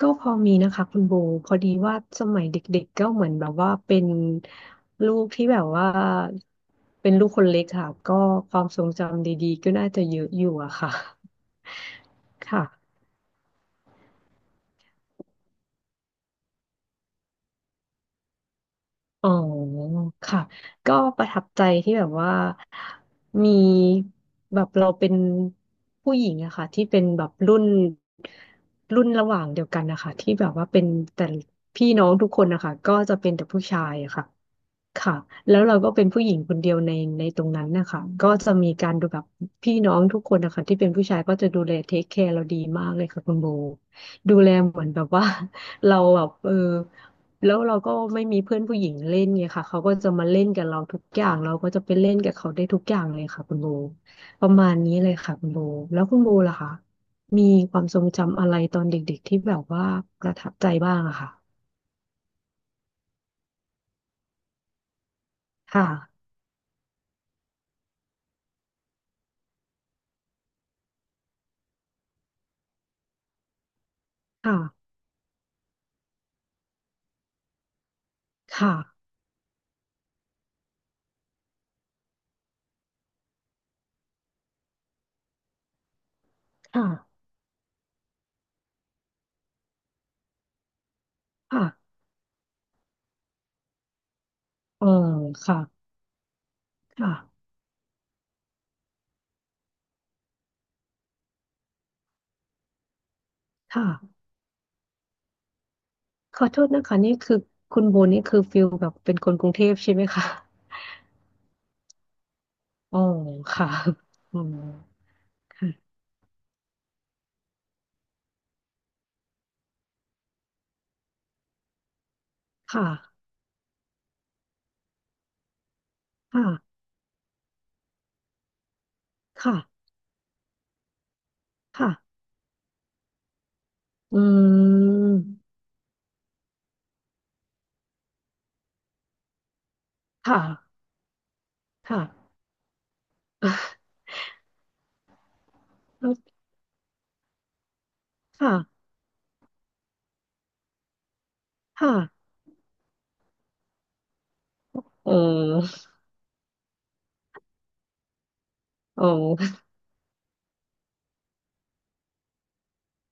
ก็พอมีนะคะคุณโบพอดีว่าสมัยเด็กๆก็เหมือนแบบว่าเป็นลูกที่แบบว่าเป็นลูกคนเล็กค่ะก็ความทรงจำดีๆก็น่าจะเยอะอยู่อะค่ะค่ะอ๋อค่ะก็ประทับใจที่แบบว่ามีแบบเราเป็นผู้หญิงอะค่ะที่เป็นแบบรุ่นระหว่างเดียวกันนะคะที่แบบว่าเป็นแต่พี่น้องทุกคนนะคะก็จะเป็นแต่ผู้ชายอะค่ะ ค่ะแล้วเราก็เป็นผู้หญิงคนเดียวในตรงนั้นนะคะก็จะมีการดูแบบพี่น้องทุกคนนะคะที่เป็นผู้ชายก็จะดูแลเทคแคร์เราดีมากเลยค่ะคุณโบดูแลเหมือนแบบว่า เราแบบแล้วเราก็ไม่มีเพื่อนผู้หญิงเล่นไงค่ะเขาก็จะมาเล่นกับเราทุกอย่างเราก็จะไปเล่นกับเขาได้ทุกอย่างเลยค่ะคุณโบประมาณนี้เลยค่ะคุณโบแล้วคุณโบล่ะคะมีความทรงจำอะไรตอนเด็กๆที่แบบว่าประทับใจบ้างอะค่ะค่ะค่ะค่ะค่ะค่ะ เออค่ะค่ะค่ะ ขอโทษนะคะนี่คือคุณโบนี่คือฟิลแบบเป็นคนกรุงเทพใช่ไหมคะอ๋อค่ะอือค่ะค่ะค่ะค่ะอืมค่ะค่ะค่ะค่ะเออเออ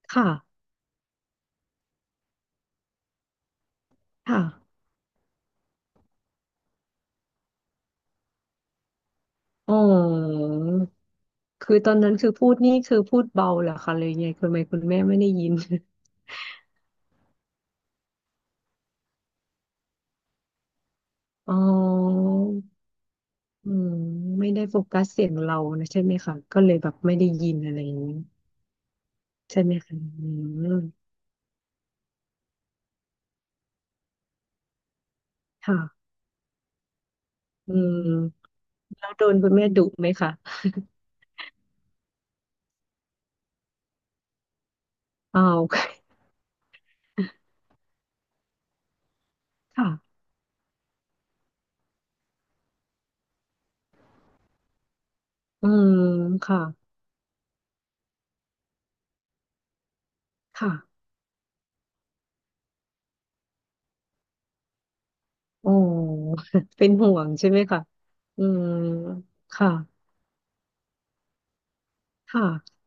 ค่ะค่ะอ๋อคือตอนนั้นคือพูดนี่คือพูดเบาเหรอคะเลยไงคุณแม่ไม่ได้ยินอ๋อ อืมไม่ได้โฟกัสเสียงเรานะใช่ไหมคะก็เลยแบบไม่ได้ยินอะไรอย่างนี้ใช่ไหมคะอืมค่ะอืมแล้วโดนคุณแม่ดุไหมคะอ้าว ค่ะอืมค่ะค่ะโอ้ เป็นห่วงใช่ไหมคะอืมค่ะค่ะ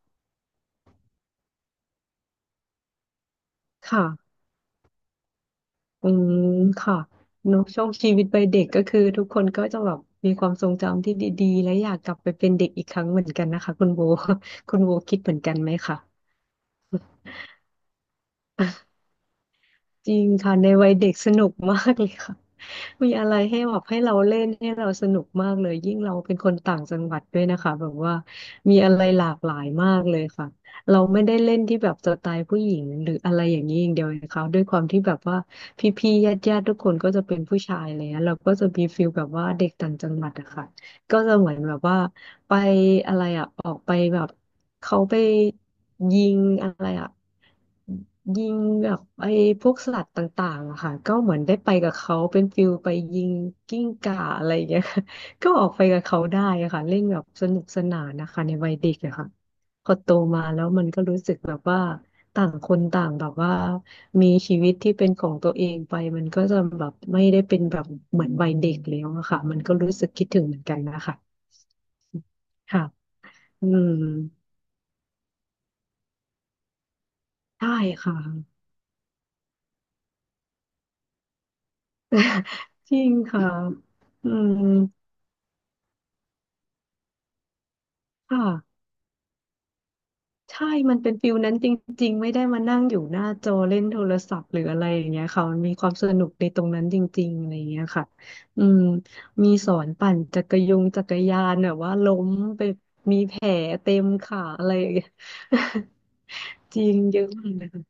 ค่ะอืมค่ะเนอะช่วงชีวิตวัยเด็กก็คือทุกคนก็จะแบบมีความทรงจำที่ดีๆและอยากกลับไปเป็นเด็กอีกครั้งเหมือนกันนะคะคุณโบ คุณโบคิดเหมือนกันไหมคะ จริงค่ะในวัยเด็กสนุกมากเลยค่ะ มีอะไรให้แบบให้เราเล่นให้เราสนุกมากเลยยิ่งเราเป็นคนต่างจังหวัดด้วยนะคะแบบว่ามีอะไรหลากหลายมากเลยค่ะเราไม่ได้เล่นที่แบบสไตล์ผู้หญิงหรืออะไรอย่างนี้อย่างเดียวเลคะด้วยความที่แบบว่าพี่ๆญาติๆทุกคนก็จะเป็นผู้ชายเลยนะเราก็จะมีฟิลแบบว่าเด็กต่างจังหวัดอะค่ะก็จะเหมือนแบบว่าไปอะไรอะออกไปแบบเขาไปยิงอะไรอะ ยิงแบบไอ้พวกสัตว์ต่างๆอะค่ะก็เหมือนได้ไปกับเขาเป็นฟิลไปยิงกิ้งก่าอะไรอย่างเงี้ย ค่ะก็ออกไปกับเขาได้อะค่ะเล่นแบบสนุกสนานนะคะในวัยเด็กอะค่ะพอโตมาแล้วมันก็รู้สึกแบบว่าต่างคนต่างแบบว่ามีชีวิตที่เป็นของตัวเองไปมันก็จะแบบไม่ได้เป็นแบบเหมือนวัยเด็กแล้วอะค่ะมันก็รู้สึกคิดถึงเหมือนกันนะคะค่ะอืมได้ค่ะ จริงค่ะอืม ค่ะใช่มันเป็นฟิลนั้นจริงๆไม่ได้มานั่งอยู่หน้าจอเล่นโทรศัพท์หรืออะไรอย่างเงี้ยค่ะมันมีความสนุกในตรงนั้นจริงๆอะไรอย่างเงี้ยค่ะอืมมีสอนปั่นจักรยานแบบว่าล้มไปมีแผลเต็มขาอะไรอย่างเงี้ย จริงเยอะมากเลย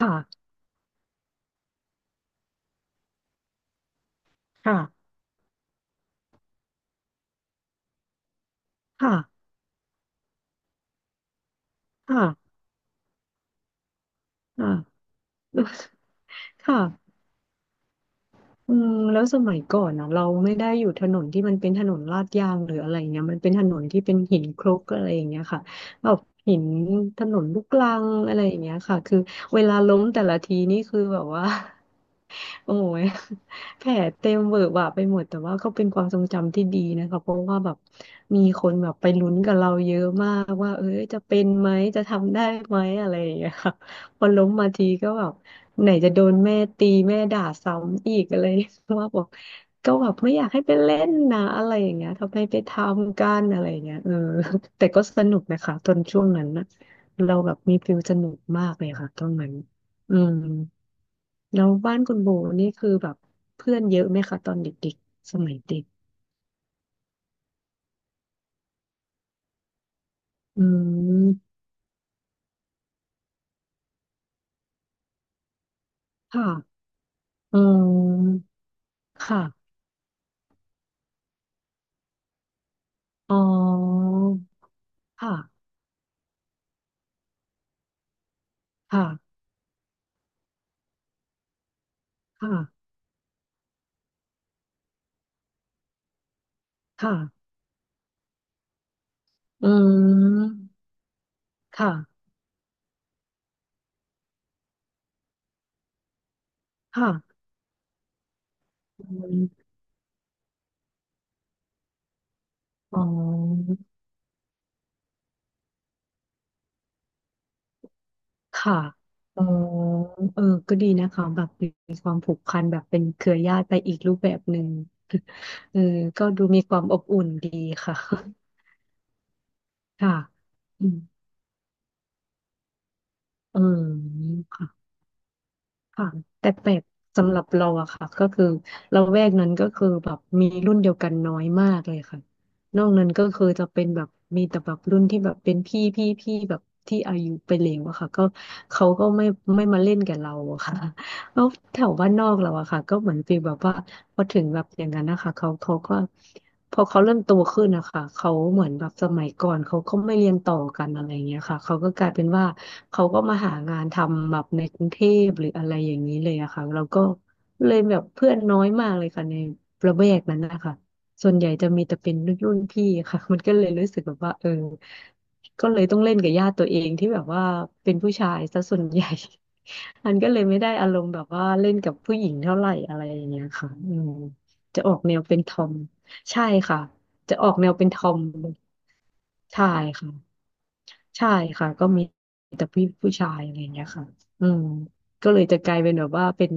ค่ะค่ะค่ะค่ะค่ะค่ะ อืมแล้วสมัยก่อนนะเราไม่ได้อยู่ถนนที่มันเป็นถนนลาดยางหรืออะไรเงี้ยมันเป็นถนนที่เป็นหินคลุกอะไรอย่างเงี้ยค่ะแบบหินถนนลูกรังอะไรอย่างเงี้ยค่ะคือเวลาล้มแต่ละทีนี่คือแบบว่า โอ้ยแผลเต็มเวอะหวะไปหมดแต่ว่าก็เป็นความทรงจำที่ดีนะคะเพราะว่าแบบมีคนแบบไปลุ้นกับเราเยอะมากว่าเอ้ยจะเป็นไหมจะทำได้ไหมอะไรอย่างเงี้ยค่ะ พอล้มมาทีก็แบบไหนจะโดนแม่ตีแม่ด่าซ้ำอีกอะไร ว่าบอกก็แบบไม่อยากให้ไปเล่นนะอะไรอย่างเงี้ยทำไมไปทำกันอะไรอย่างเงี้ยเออ แต่ก็สนุกนะคะตอนช่วงนั้นนะเราแบบมีฟิลสนุกมากเลยค่ะตอนนั้นอืมแล้วบ้านคุณโบนี่คือแบบเพื่อนเยอะไหมคะตอนเด็กๆสมัยเด็กอืมค่ะอืมค่ะอ๋อค่ะค่ะค่ะค่ะอืม ค่ะ ค่ะอืมอ๋อค่ะเออเออก็ดีนะคะแบบมีความผูกพันแบบเป็นเครือญาติไปอีกรูปแบบหนึ่ง เออก็ดูมีความอบอุ่นดีค่ะ ค่ะ อืมเออค่ะ ค่ะแต่แปลกสำหรับเราอะค่ะก็คือเราแวกนั้นก็คือแบบมีรุ่นเดียวกันน้อยมากเลยค่ะนอกนั้นก็คือจะเป็นแบบมีแต่แบบรุ่นที่แบบเป็นพี่แบบที่อายุไปแล้วอะค่ะก็เขาก็ไม่มาเล่นกับเราอะค่ะ แล้วแถวบ้านนอกเราอะค่ะก็เหมือนฟีลแบบว่าพอถึงแบบอย่างนั้นนะคะเขาก็พอเขาเริ่มโตขึ้นนะคะเขาเหมือนแบบสมัยก่อนเขาก็ไม่เรียนต่อกันอะไรอย่างเงี้ยค่ะเขาก็กลายเป็นว่า เขาก็มาหางานทำแบบในกรุงเทพหรืออะไรอย่างนี้เลยอะค่ะแล้วก็เลยแบบเพื่อนน้อยมากเลยค่ะในระแวกนั้นนะคะส่วนใหญ่จะมีแต่เป็นรุ่นพี่ค่ะ มันก็เลยรู้สึกแบบว่าเออก็เลยต้องเล่นกับญาติตัวเองที่แบบว่าเป็นผู้ชายซะส่วนใหญ่ มันก็เลยไม่ได้อารมณ์แบบว่าเล่นกับผู้หญิงเท่าไหร่อะไรอย่างเงี้ยค่ะอืมจะออกแนวเป็นทอมใช่ค่ะจะออกแนวเป็นทอมใช่ค่ะ ใช่ค่ะก็มีแต่พี่ผู้ชายอะไรอย่างเงี้ยค่ะอืมก็เลยจะกลายเป็นแบบว่าเป็น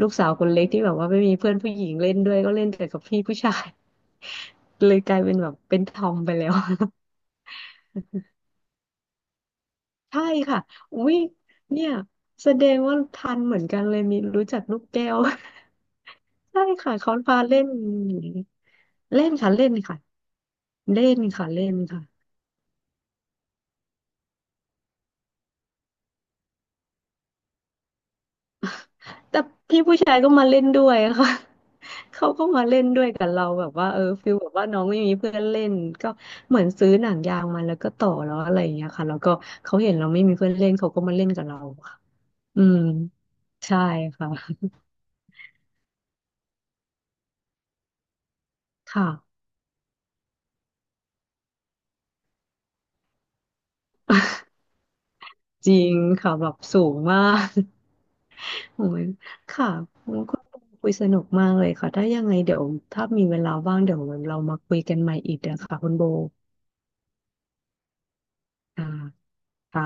ลูกสาวคนเล็กที่แบบว่าไม่มีเพื่อนผู้หญิงเล่นด้วยก็เล่นแต่กับพี่ผู้ชาย เลยกลายเป็นแบบเป็นทอมไปแล้ว ใช่ค่ะอุ้ยเนี่ยแสดงว่าทันเหมือนกันเลยมีรู้จักลูกแก้ว ใช่ค่ะเขาพาเล่นเล่นค่ะเล่นค่ะเล่นค่ะเล่นค่ะ แต่พี่ผู้ชายก็มาเล่นด้วยค่ะ เขาก็มาเล่นด้วยกับเราแบบว่าเออฟิลแบบว่าน้องไม่มีเพื่อนเล่นก็เหมือนซื้อหนังยางมาแล้วก็ต่อแล้วอะไรอย่างเงี้ยค่ะแล้วก็เขาเห็นเราไม่มีเพื่อนเล่นเขาก็มาเล่นกับเราค่ะอืมใช่ค่ะค่ะจริงค่ะแบบสูงมาก โอ้ยค่ะคุณปอคุยสนุกมากเลยค่ะถ้ายังไงเดี๋ยวถ้ามีเวลาว่างเดี๋ยวเรามาคุยกันใหม่อีกนะคะคุณโบอ่าค่ะ